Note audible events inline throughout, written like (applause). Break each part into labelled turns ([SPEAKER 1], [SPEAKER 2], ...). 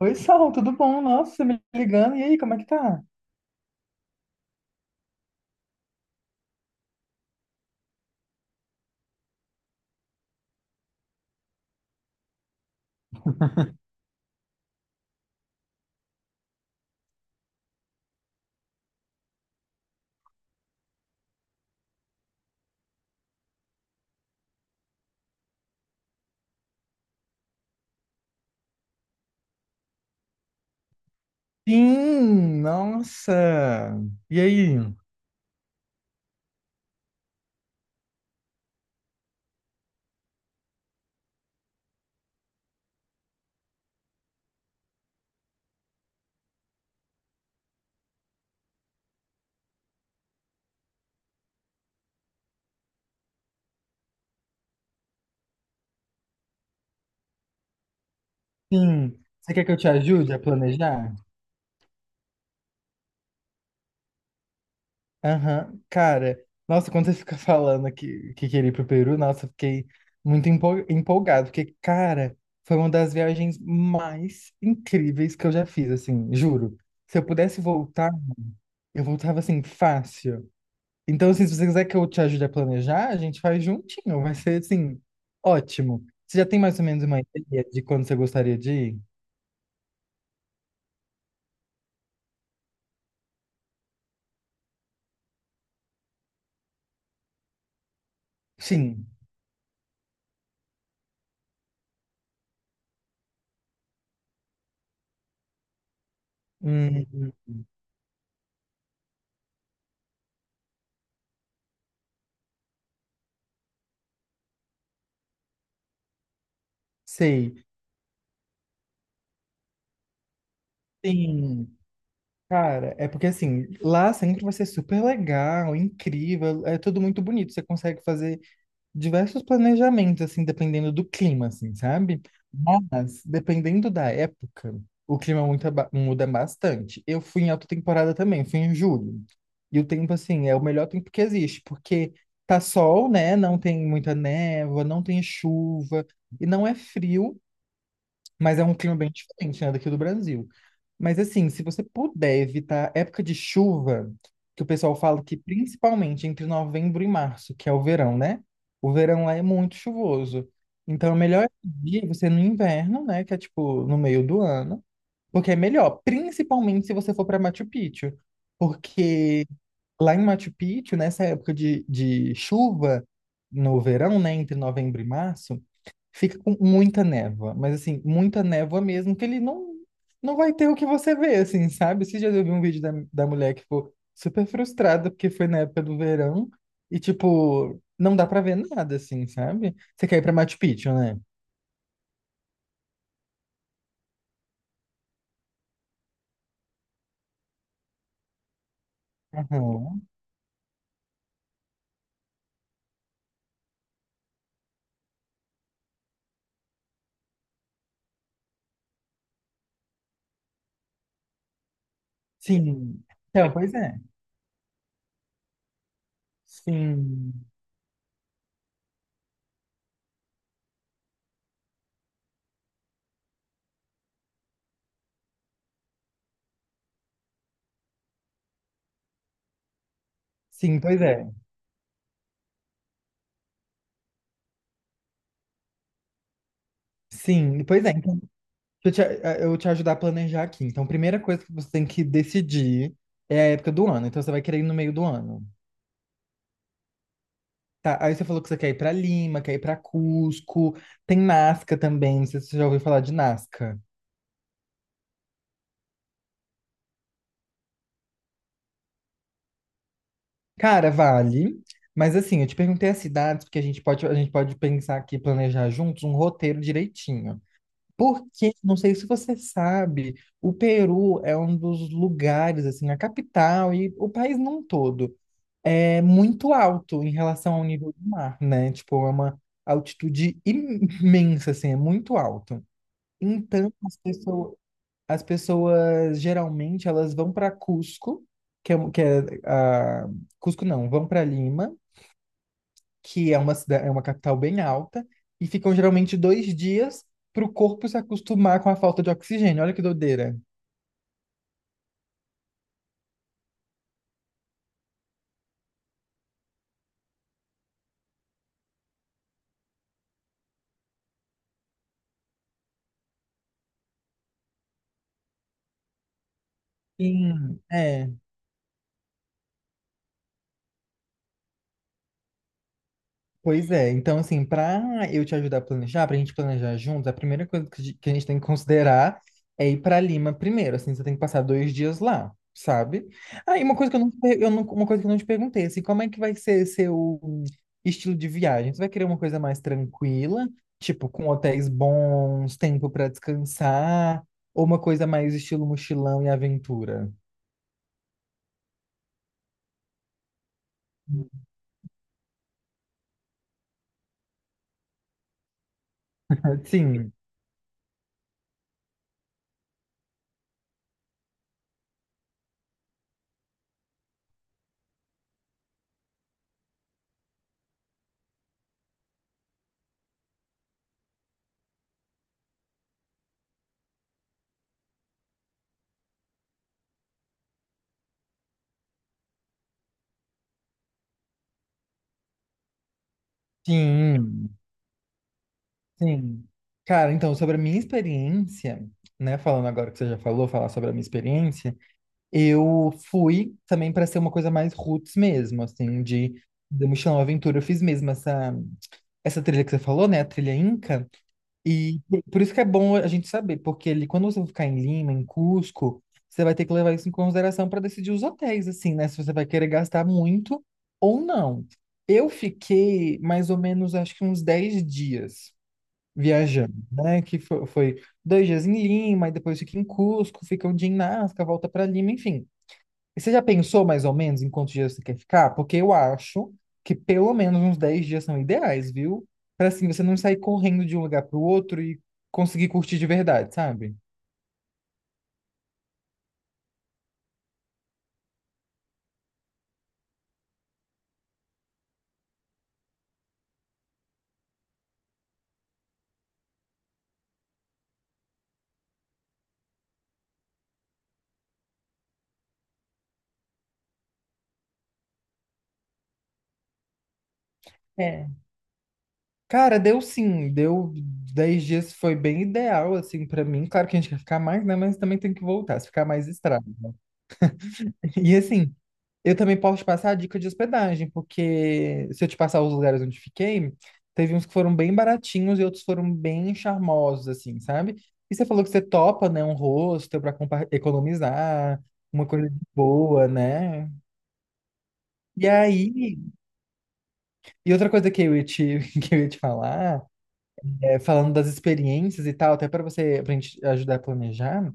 [SPEAKER 1] Oi, Sal, tudo bom? Nossa, você me ligando. E aí, como é que tá? Sim, nossa. E aí? Sim. Você quer que eu te ajude a planejar? Aham. Cara, nossa, quando você fica (laughs) falando que queria ir pro Peru, nossa, eu fiquei muito empolgado, porque, cara, foi uma das viagens mais incríveis que eu já fiz, assim, juro. Se eu pudesse voltar, eu voltava assim, fácil. Então, assim, se você quiser que eu te ajude a planejar, a gente faz juntinho. Vai ser, assim, ótimo. Você já tem mais ou menos uma ideia de quando você gostaria de ir? Sim. Hum, sei. Sim. Cara, é porque, assim, lá sempre vai ser super legal, incrível, é tudo muito bonito. Você consegue fazer diversos planejamentos, assim, dependendo do clima, assim, sabe? Mas, dependendo da época, o clima muito muda bastante. Eu fui em alta temporada também, fui em julho. E o tempo, assim, é o melhor tempo que existe, porque tá sol, né? Não tem muita névoa, não tem chuva, e não é frio, mas é um clima bem diferente, né, daqui do Brasil. Mas assim, se você puder evitar época de chuva, que o pessoal fala que principalmente entre novembro e março, que é o verão, né? O verão lá é muito chuvoso. Então, é melhor dia você no inverno, né, que é tipo no meio do ano, porque é melhor, principalmente se você for para Machu Picchu, porque lá em Machu Picchu, nessa época de chuva no verão, né, entre novembro e março, fica com muita névoa, mas assim, muita névoa mesmo, que ele não vai ter o que você vê, assim, sabe? Você já viu um vídeo da mulher que ficou super frustrada porque foi na época do verão e, tipo, não dá pra ver nada, assim, sabe? Você quer ir pra Machu Picchu, né? Aham. Sim. Então, pois é. Sim. Sim, pois é. Sim, pois é. Então, deixa eu te, eu te ajudar a planejar aqui. Então, a primeira coisa que você tem que decidir é a época do ano. Então, você vai querer ir no meio do ano. Tá, aí você falou que você quer ir pra Lima, quer ir pra Cusco. Tem Nazca também, não sei se você já ouviu falar de Nazca. Cara, vale. Mas assim, eu te perguntei as cidades, porque a gente pode pensar aqui, planejar juntos um roteiro direitinho. Porque, não sei se você sabe, o Peru é um dos lugares, assim, a capital e o país num todo é muito alto em relação ao nível do mar, né? Tipo, é uma altitude imensa, assim, é muito alto. Então, as pessoas geralmente elas vão para Cusco, que é, a, Cusco não, vão para Lima, que é uma cidade, é uma capital bem alta, e ficam geralmente 2 dias para o corpo se acostumar com a falta de oxigênio. Olha que doideira. Sim, é. Pois é, então assim, para eu te ajudar a planejar, para a gente planejar juntos, a primeira coisa que a gente tem que considerar é ir para Lima primeiro, assim, você tem que passar 2 dias lá, sabe? Ah, e uma coisa que eu não, te per- eu não- uma coisa que eu não te perguntei, assim, como é que vai ser seu estilo de viagem? Você vai querer uma coisa mais tranquila, tipo, com hotéis bons, tempo para descansar, ou uma coisa mais estilo mochilão e aventura? Sim, sim. Sim. Cara, então, sobre a minha experiência, né, falando agora que você já falou, falar sobre a minha experiência, eu fui também para ser uma coisa mais roots mesmo, assim, de do Mochilão Aventura. Eu fiz mesmo essa trilha que você falou, né, a trilha Inca, e por isso que é bom a gente saber, porque ali quando você ficar em Lima, em Cusco, você vai ter que levar isso em consideração para decidir os hotéis, assim, né, se você vai querer gastar muito ou não. Eu fiquei mais ou menos, acho que uns 10 dias viajando, né? Foi 2 dias em Lima, e depois fica em Cusco, fica 1 dia em Nazca, volta para Lima, enfim. E você já pensou mais ou menos em quantos dias você quer ficar? Porque eu acho que pelo menos uns 10 dias são ideais, viu? Para assim você não sair correndo de um lugar para o outro e conseguir curtir de verdade, sabe? É. Cara, deu sim, deu 10 dias, foi bem ideal, assim, pra mim. Claro que a gente quer ficar mais, né? Mas também tem que voltar, se ficar mais estrada, né? E assim, eu também posso te passar a dica de hospedagem, porque se eu te passar os lugares onde fiquei, teve uns que foram bem baratinhos e outros foram bem charmosos, assim, sabe? E você falou que você topa, né, um hostel para economizar, uma coisa de boa, né? E aí, e outra coisa que eu ia te, (laughs) que eu ia te falar, é, falando das experiências e tal, até para você, pra gente ajudar a planejar,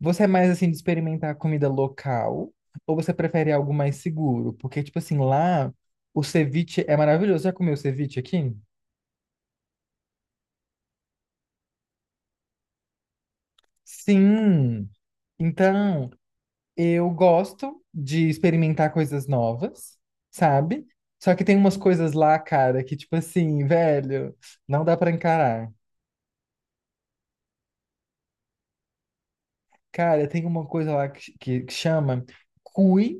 [SPEAKER 1] você é mais assim de experimentar comida local ou você prefere algo mais seguro? Porque, tipo assim, lá o ceviche é maravilhoso. Já comeu ceviche aqui? Sim! Então, eu gosto de experimentar coisas novas, sabe? Só que tem umas coisas lá, cara, que, tipo assim, velho, não dá pra encarar. Cara, tem uma coisa lá que chama cuy,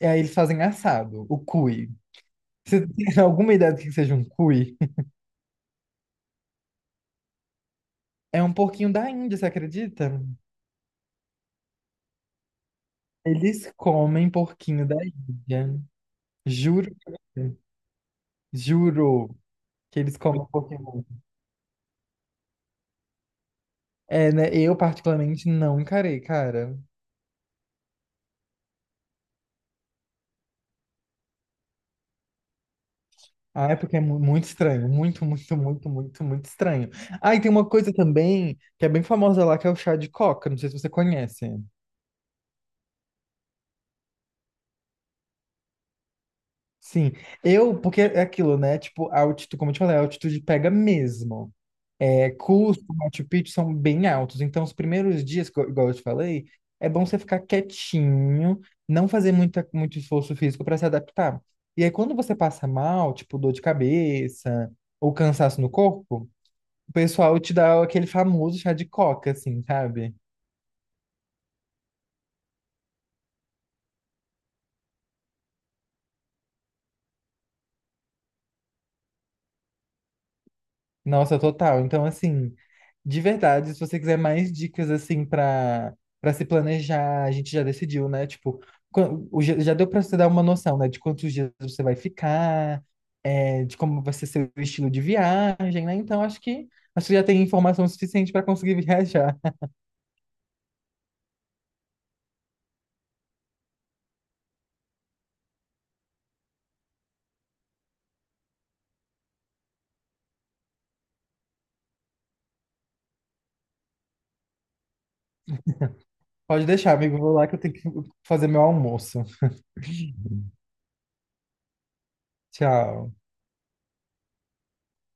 [SPEAKER 1] e aí eles fazem assado, o cuy. Você (laughs) tem alguma ideia do que seja um cuy? É um porquinho da Índia, você acredita? Eles comem porquinho da Índia. Juro, pra você. Juro que eles comem porquinho. É, né? Eu particularmente não encarei, cara. Ah, é porque é muito estranho, muito, muito, muito, muito, muito estranho. Ah, e tem uma coisa também que é bem famosa lá, que é o chá de coca. Não sei se você conhece. Sim, eu, porque é aquilo, né? Tipo, a altitude, como eu te falei, a altitude pega mesmo. É, Cusco, Machu Picchu são bem altos. Então, os primeiros dias, igual eu te falei, é bom você ficar quietinho, não fazer muito esforço físico para se adaptar. E aí, quando você passa mal, tipo dor de cabeça ou cansaço no corpo, o pessoal te dá aquele famoso chá de coca, assim, sabe? Nossa, total. Então, assim, de verdade, se você quiser mais dicas, assim, para se planejar, a gente já decidiu, né? Tipo, quan- o já já deu para você dar uma noção, né? De quantos dias você vai ficar, é, de como vai ser seu estilo de viagem, né? Então, acho que já tem informação suficiente para conseguir (laughs) viajar. Pode deixar, amigo. Vou lá que eu tenho que fazer meu almoço. Tchau.